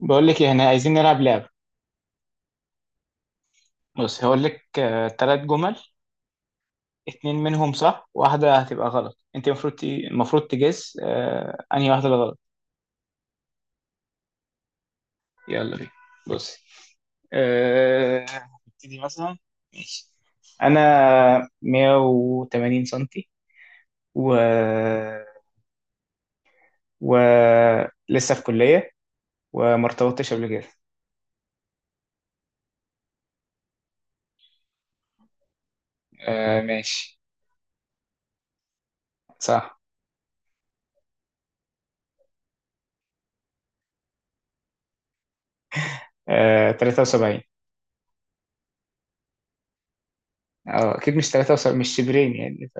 بقول لك إيه، احنا عايزين نلعب لعبة. بص هقول لك ثلاث جمل. اتنين منهم صح واحدة هتبقى غلط، انت المفروض المفروض تجس انهي واحدة اللي غلط. يلا بينا. بصي. آه، نبتدي مثلا. ماشي، انا 180 سنتي و و لسه في كلية وما ارتبطتش قبل كده. آه ماشي. صح. آه 73. اه اكيد مش 73، مش شبرين يعني.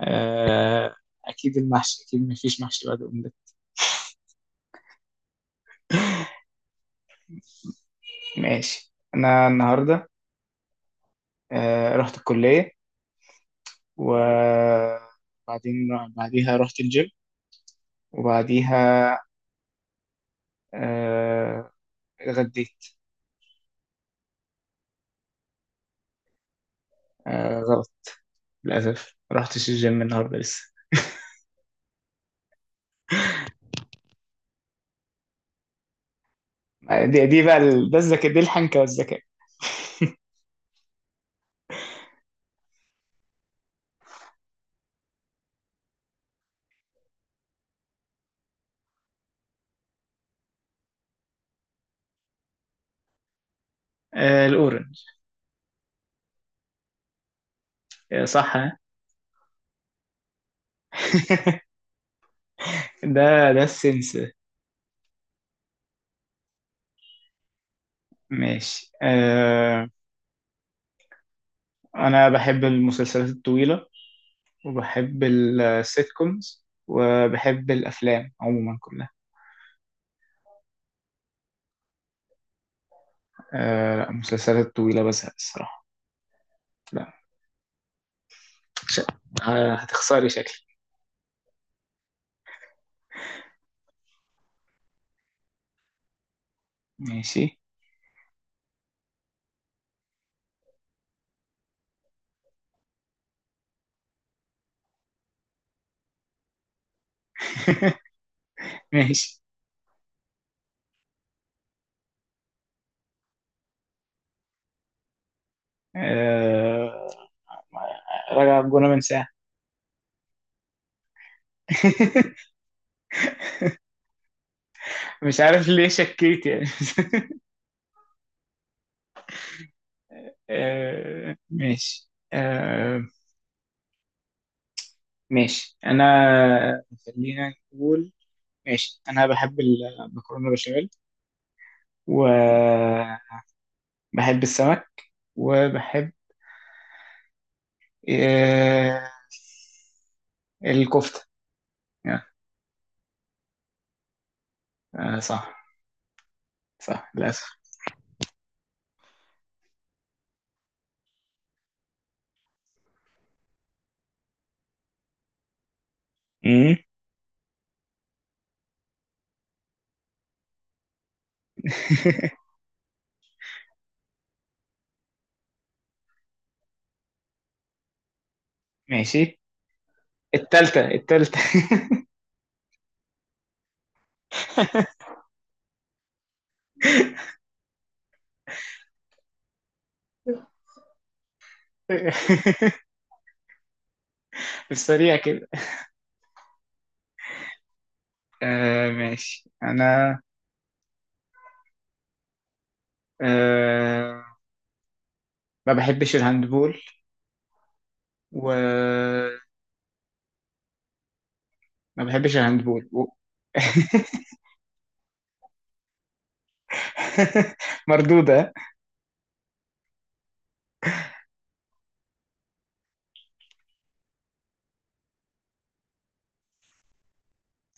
آه، اكيد المحشي، اكيد مفيش محشي بعد الأومليت. ماشي انا النهارده، رحت الكليه وبعدين بعديها رحت الجيم وبعديها آه، اتغديت. آه، غلط. للاسف ما رحتش الجيم النهارده لسه. آه، دي بقى ده الذكاء، دي الحنكه والذكاء. آه، الاورنج. آه، صح ها؟ ده السنس. ماشي. انا بحب المسلسلات الطويله وبحب السيت كومز وبحب الأفلام عموما كلها. آه لا، مسلسلات طويلة بزهق الصراحة، لا. ش- آه، هتخسري شكلي. ماشي. ماشي. آه... راجع بجونة من ساعة. مش عارف ليه شكيت يعني. ماشي. ماشي أنا، خلينا نقول. ماشي أنا بحب المكرونة بشاميل وبحب السمك وبحب إيه، الكفتة يا، آه صح. صح للأسف. امم ماشي. التالتة في السريع كده. آه ماشي أنا، آه ما بحبش الهاندبول وما بحبش الهاندبول. مردودة.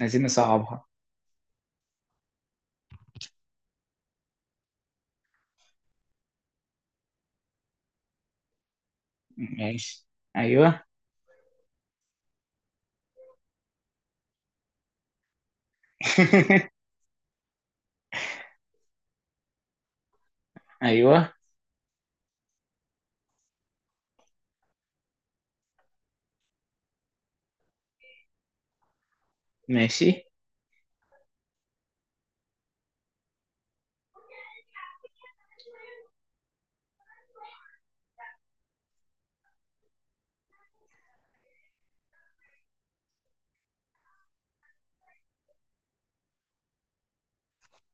عايزين نصعبها. ماشي. أيوه. أيوه. ماشي.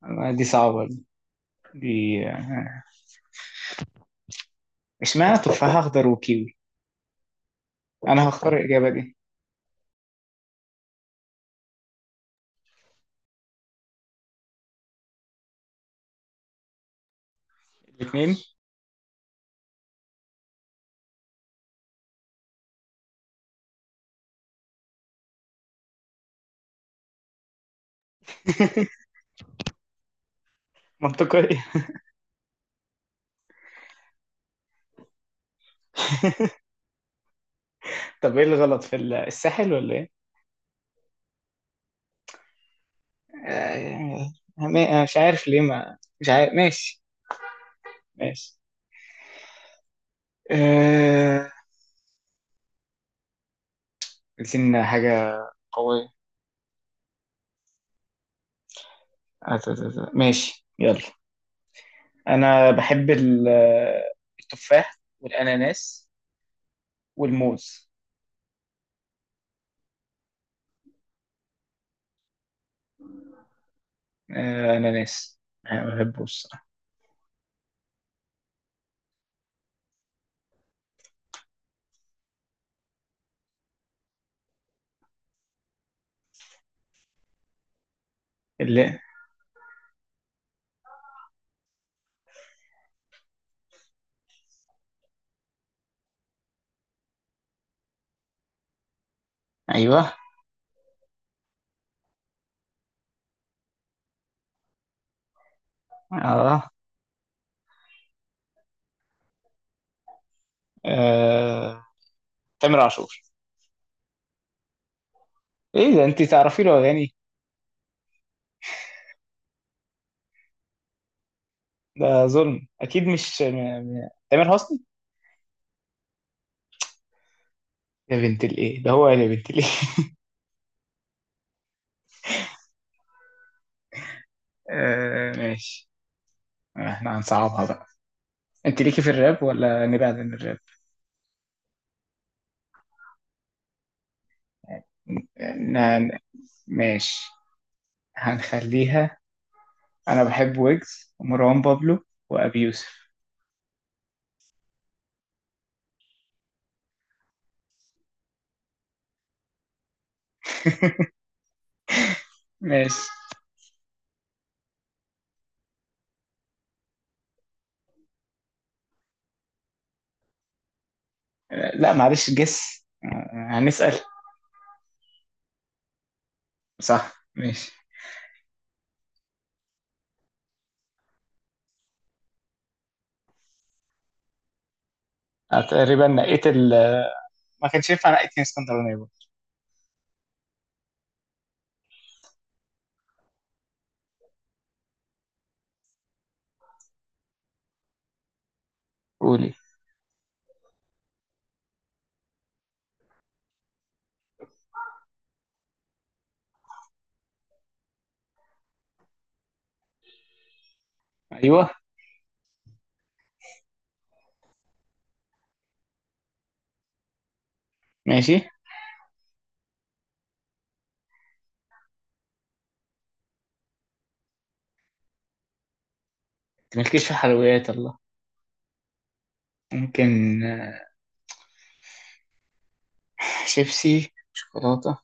آه، دي صعبة دي. اشمعنى تفاح اخضر وكيوي؟ انا هختار الاجابه دي. الاثنين منطقيه. طب ايه الغلط في الساحل ولا ايه؟ آه، مش عارف ليه، ما مش عارف. ماشي. ماشي. آه، عايزين حاجه قويه. آه، ماشي يلا. انا بحب التفاح والاناناس والموز. آه، اناناس انا بحبه الصراحه. اللي، ايوه. اه. آه، تامر عاشور؟ ايه ده، انت تعرفي له اغاني؟ ده ظلم، اكيد مش تامر حسني. يا بنت الايه ده، هو يا بنت الايه؟ آه ماشي. احنا هنصعبها بقى. انت ليكي في الراب ولا نبعد عن الراب؟ ن- ماشي، هنخليها. انا بحب ويجز ومروان بابلو وابي يوسف. ماشي. آه، لا معلش جس آه، هنسأل. صح. ماشي. أنا تقريبا نقيت ال، ما كانش ينفع، نقيت من اسكندرانية برضه. قولي. ايوه. ماشي. انت مالكيش في حلويات الله. ممكن آه، شيبسي، شوكولاتة،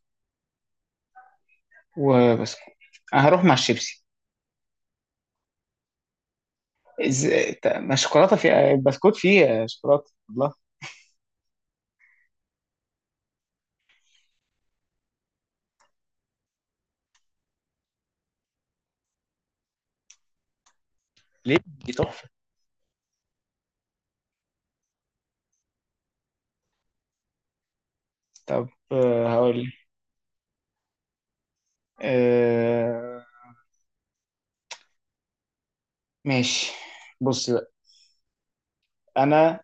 وبسكوت. أنا هروح مع الشيبسي. إز... ما الشوكولاتة فيها البسكوت فيه شوكولاتة الله. ليه، دي تحفة. طب آه، هقول لك. آه... ماشي. بص بقى أنا،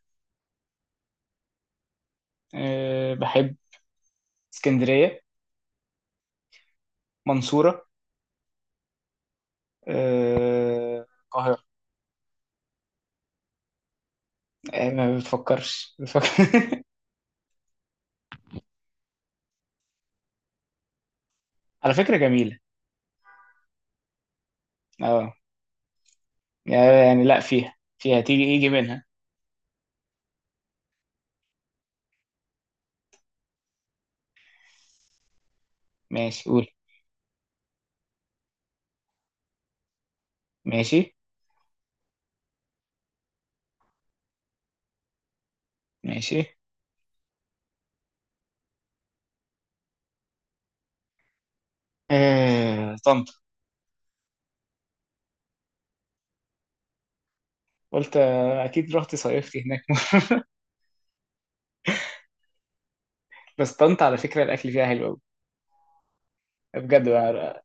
بحب اسكندرية، منصورة، آه، القاهرة. آه، ما بتفكرش بتفكر. على فكرة جميلة. اه يعني، لا فيها، فيها تيجي يجي منها. ماشي قول. ماشي. ماشي. طنطا؟ قلت آه، اكيد رحت صيفتي هناك. بس طنطا على فكره الاكل فيها حلو قوي. بجد بقى.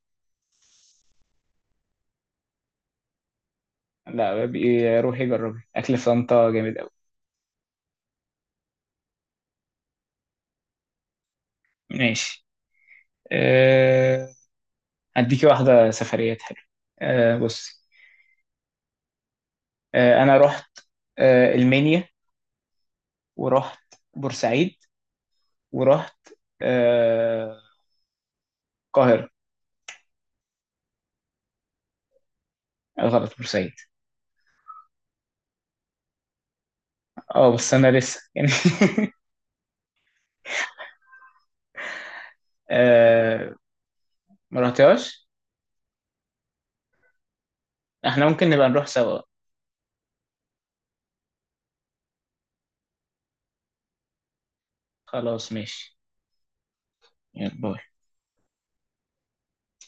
لا بقى، روحي جربي اكل في طنطا جامد قوي. ماشي. أه... هديكي واحده سفريات حلوه. أه بصي. أه انا رحت أه المنيا ورحت بورسعيد ورحت أه القاهره. آه، غلط بورسعيد. اه بس انا لسه يعني. أه ما رحتهاش. احنا ممكن نبقى نروح سوا. خلاص ماشي. يلا باي.